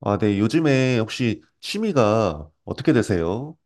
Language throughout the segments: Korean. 아, 네. 요즘에 혹시 취미가 어떻게 되세요?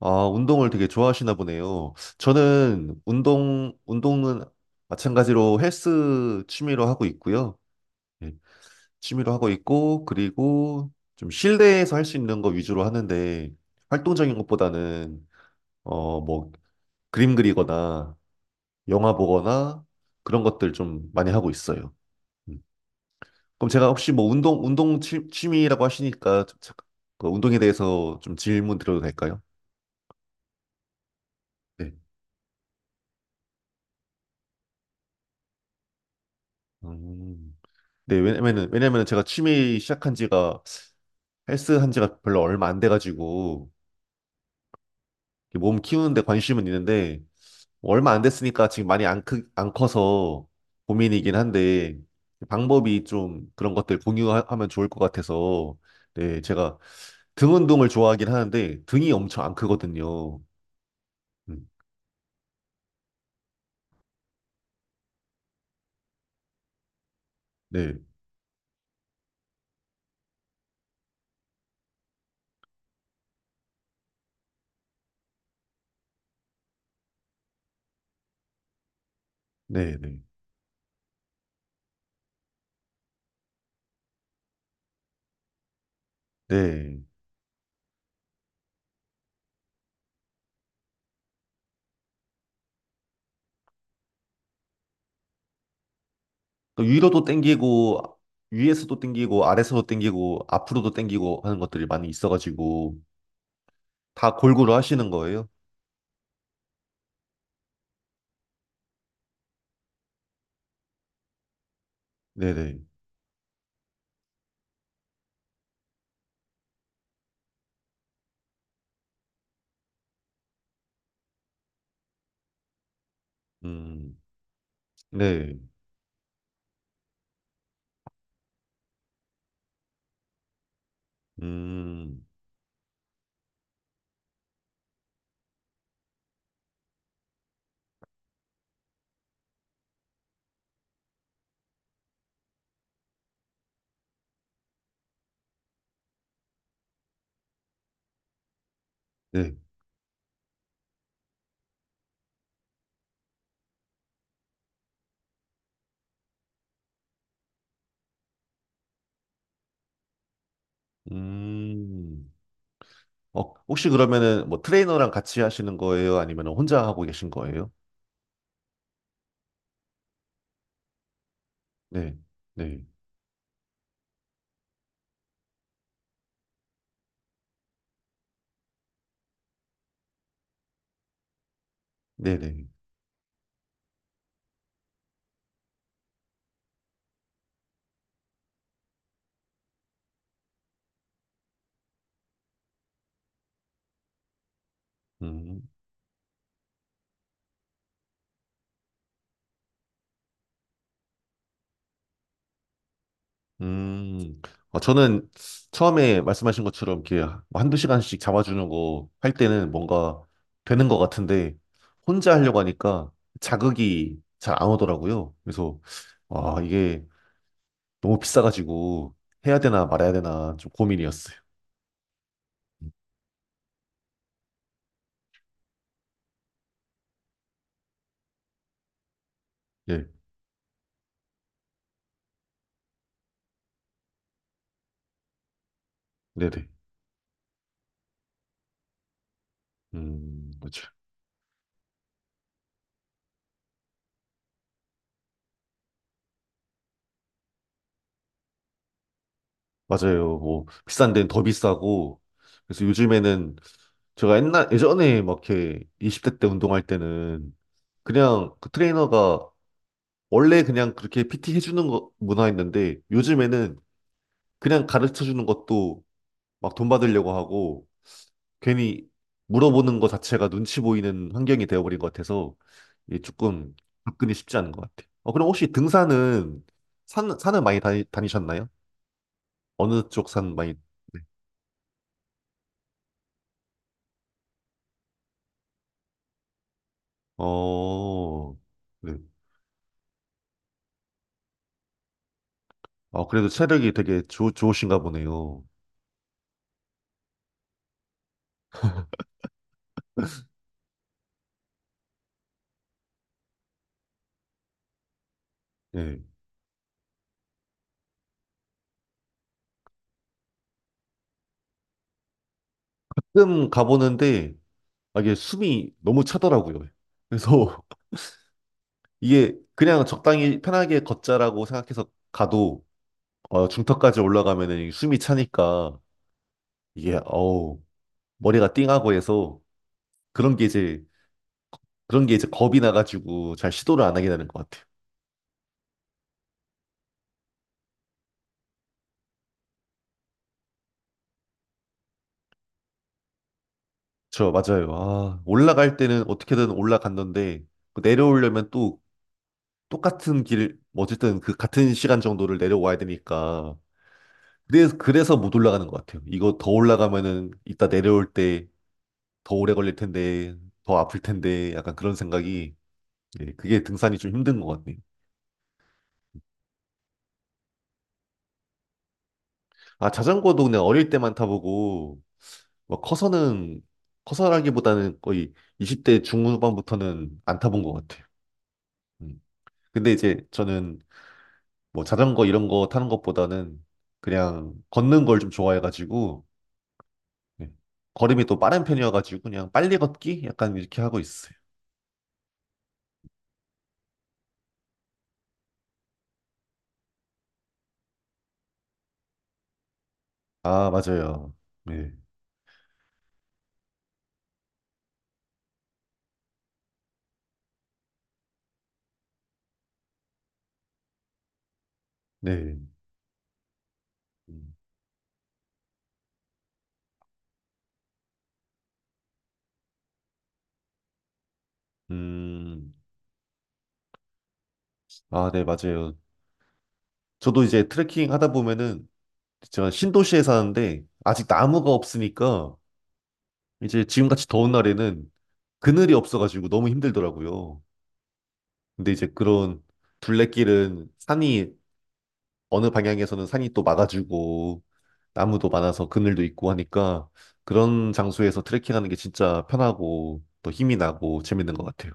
아, 운동을 되게 좋아하시나 보네요. 저는 운동은 마찬가지로 헬스 취미로 하고 있고요. 네, 취미로 하고 있고, 그리고 좀 실내에서 할 수 있는 거 위주로 하는데, 활동적인 것보다는, 어, 뭐, 그림 그리거나, 영화 보거나, 그런 것들 좀 많이 하고 있어요. 음. 그럼 제가 혹시 뭐 취미라고 하시니까 그 운동에 대해서 좀 질문 드려도 될까요? 네. 음. 네, 왜냐면은 제가 취미 시작한 지가 헬스 한 지가 별로 얼마 안 돼가지고 이렇게 몸 키우는데 관심은 있는데 얼마 안 됐으니까 지금 많이 안 크, 안 커서 고민이긴 한데 방법이 좀 그런 것들 공유하면 좋을 것 같아서, 네, 제가 등 운동을 좋아하긴 하는데 등이 엄청 안 크거든요. 음, 네, 네, 네. 네. 그 위로도 땡기고, 위에서도 땡기고, 아래서도 땡기고, 앞으로도 땡기고 하는 것들이 많이 있어가지고, 다 골고루 하시는 거예요? 네네. 음, 네. 음, 네. 음. 어, 혹시 그러면은 뭐 트레이너랑 같이 하시는 거예요? 아니면 혼자 하고 계신 거예요? 네. 네. 네네. 음. 음, 어, 저는 처음에 말씀하신 것처럼 이렇게 뭐 한두 시간씩 잡아주는 거 할 때는 뭔가 되는 것 같은데 혼자 하려고 하니까 자극이 잘 안 오더라고요. 그래서 와, 이게 너무 비싸가지고 해야 되나 말아야 되나 좀 고민이었어요. 예, 네네. 그렇죠. 맞아요. 뭐 비싼 데는 더 비싸고 그래서 요즘에는 제가 옛날 예전에 막 이렇게 20대 때 운동할 때는 그냥 그 트레이너가 원래 그냥 그렇게 PT 해주는 거, 문화였는데 요즘에는 그냥 가르쳐 주는 것도 막 돈 받으려고 하고 괜히 물어보는 거 자체가 눈치 보이는 환경이 되어버린 것 같아서 이게 조금 접근이 쉽지 않은 것 같아요. 어, 그럼 혹시 등산은 산을 다니셨나요? 어느 쪽 산 많이? 네. 어, 네. 아, 그래도 체력이 되게 좋 좋으신가 보네요. 예. 가끔 가보는데 아, 이게 숨이 너무 차더라고요. 그래서 이게 그냥 적당히 편하게 걷자라고 생각해서 가도 어, 중턱까지 올라가면은 숨이 차니까 이게 어우 머리가 띵하고 해서 그런 게 이제 그런 게 이제 겁이 나가지고 잘 시도를 안 하게 되는 것 같아요. 저 맞아요. 아 올라갈 때는 어떻게든 올라갔는데 그 내려오려면 또 똑같은 길, 뭐 어쨌든 그 같은 시간 정도를 내려와야 되니까 그래서 못 올라가는 것 같아요. 이거 더 올라가면은 이따 내려올 때 더 오래 걸릴 텐데, 더 아플 텐데, 약간 그런 생각이, 예, 그게 등산이 좀 힘든 것 같네요. 아, 자전거도 그냥 어릴 때만 타보고, 뭐 커서는, 커서라기보다는 거의 20대 중후반부터는 안 타본 것 같아요. 음. 근데 이제 저는 뭐 자전거 이런 거 타는 것보다는 그냥 걷는 걸 좀 좋아해가지고, 예. 걸음이 또 빠른 편이어가지고 그냥 빨리 걷기? 약간 이렇게 하고 있어요. 아, 맞아요. 네. 네. 음, 음. 아, 네, 맞아요. 저도 이제 트레킹 하다 보면은 제가 신도시에 사는데 아직 나무가 없으니까 이제 지금같이 더운 날에는 그늘이 없어가지고 너무 힘들더라고요. 근데 이제 그런 둘레길은 산이 어느 방향에서는 산이 또 막아주고 나무도 많아서 그늘도 있고 하니까 그런 장소에서 트레킹하는 게 진짜 편하고 또 힘이 나고 재밌는 것 같아요.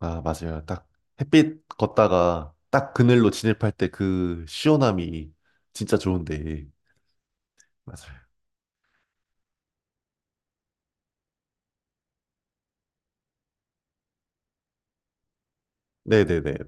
아, 맞아요. 딱 햇빛 걷다가 딱 그늘로 진입할 때 그 시원함이 진짜 좋은데. 맞아요. 네네네네.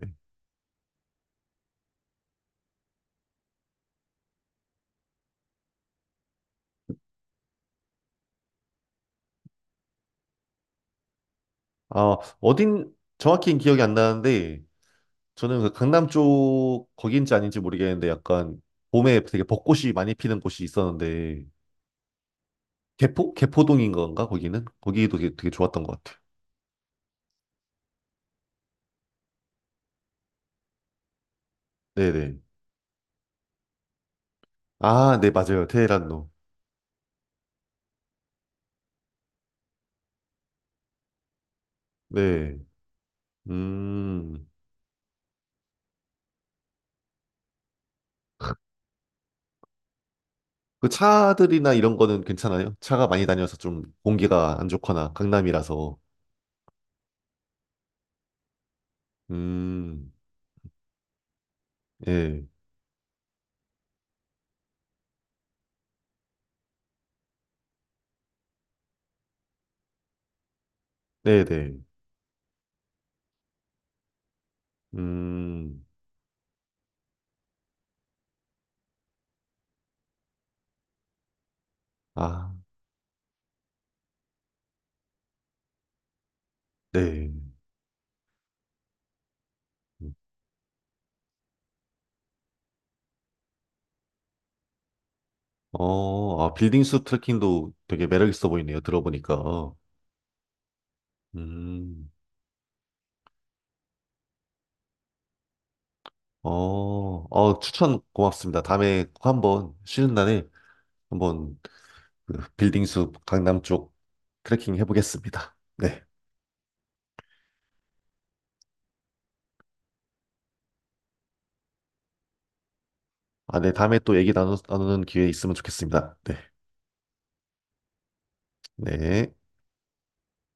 아, 어딘, 정확히는 기억이 안 나는데, 저는 그 강남 쪽, 거기인지 아닌지 모르겠는데, 약간, 봄에 되게 벚꽃이 많이 피는 곳이 있었는데, 개포? 개포동인 건가, 거기는? 거기도 되게 좋았던 것 같아요. 네네. 아, 네, 맞아요. 테헤란로. 네. 음. 그 차들이나 이런 거는 괜찮아요? 차가 많이 다녀서 좀 공기가 안 좋거나, 강남이라서. 음. 예. 네네. 음. 아, 네. 아, 빌딩 숲 트레킹도 되게 매력 있어 보이네요. 들어보니까. 음, 어, 어, 추천 고맙습니다. 다음에 꼭 한번 쉬는 날에 한번 그 빌딩 숲 강남 쪽 트레킹 해보겠습니다. 네. 아, 네. 다음에 또 나누는 기회 있으면 좋겠습니다. 네. 네.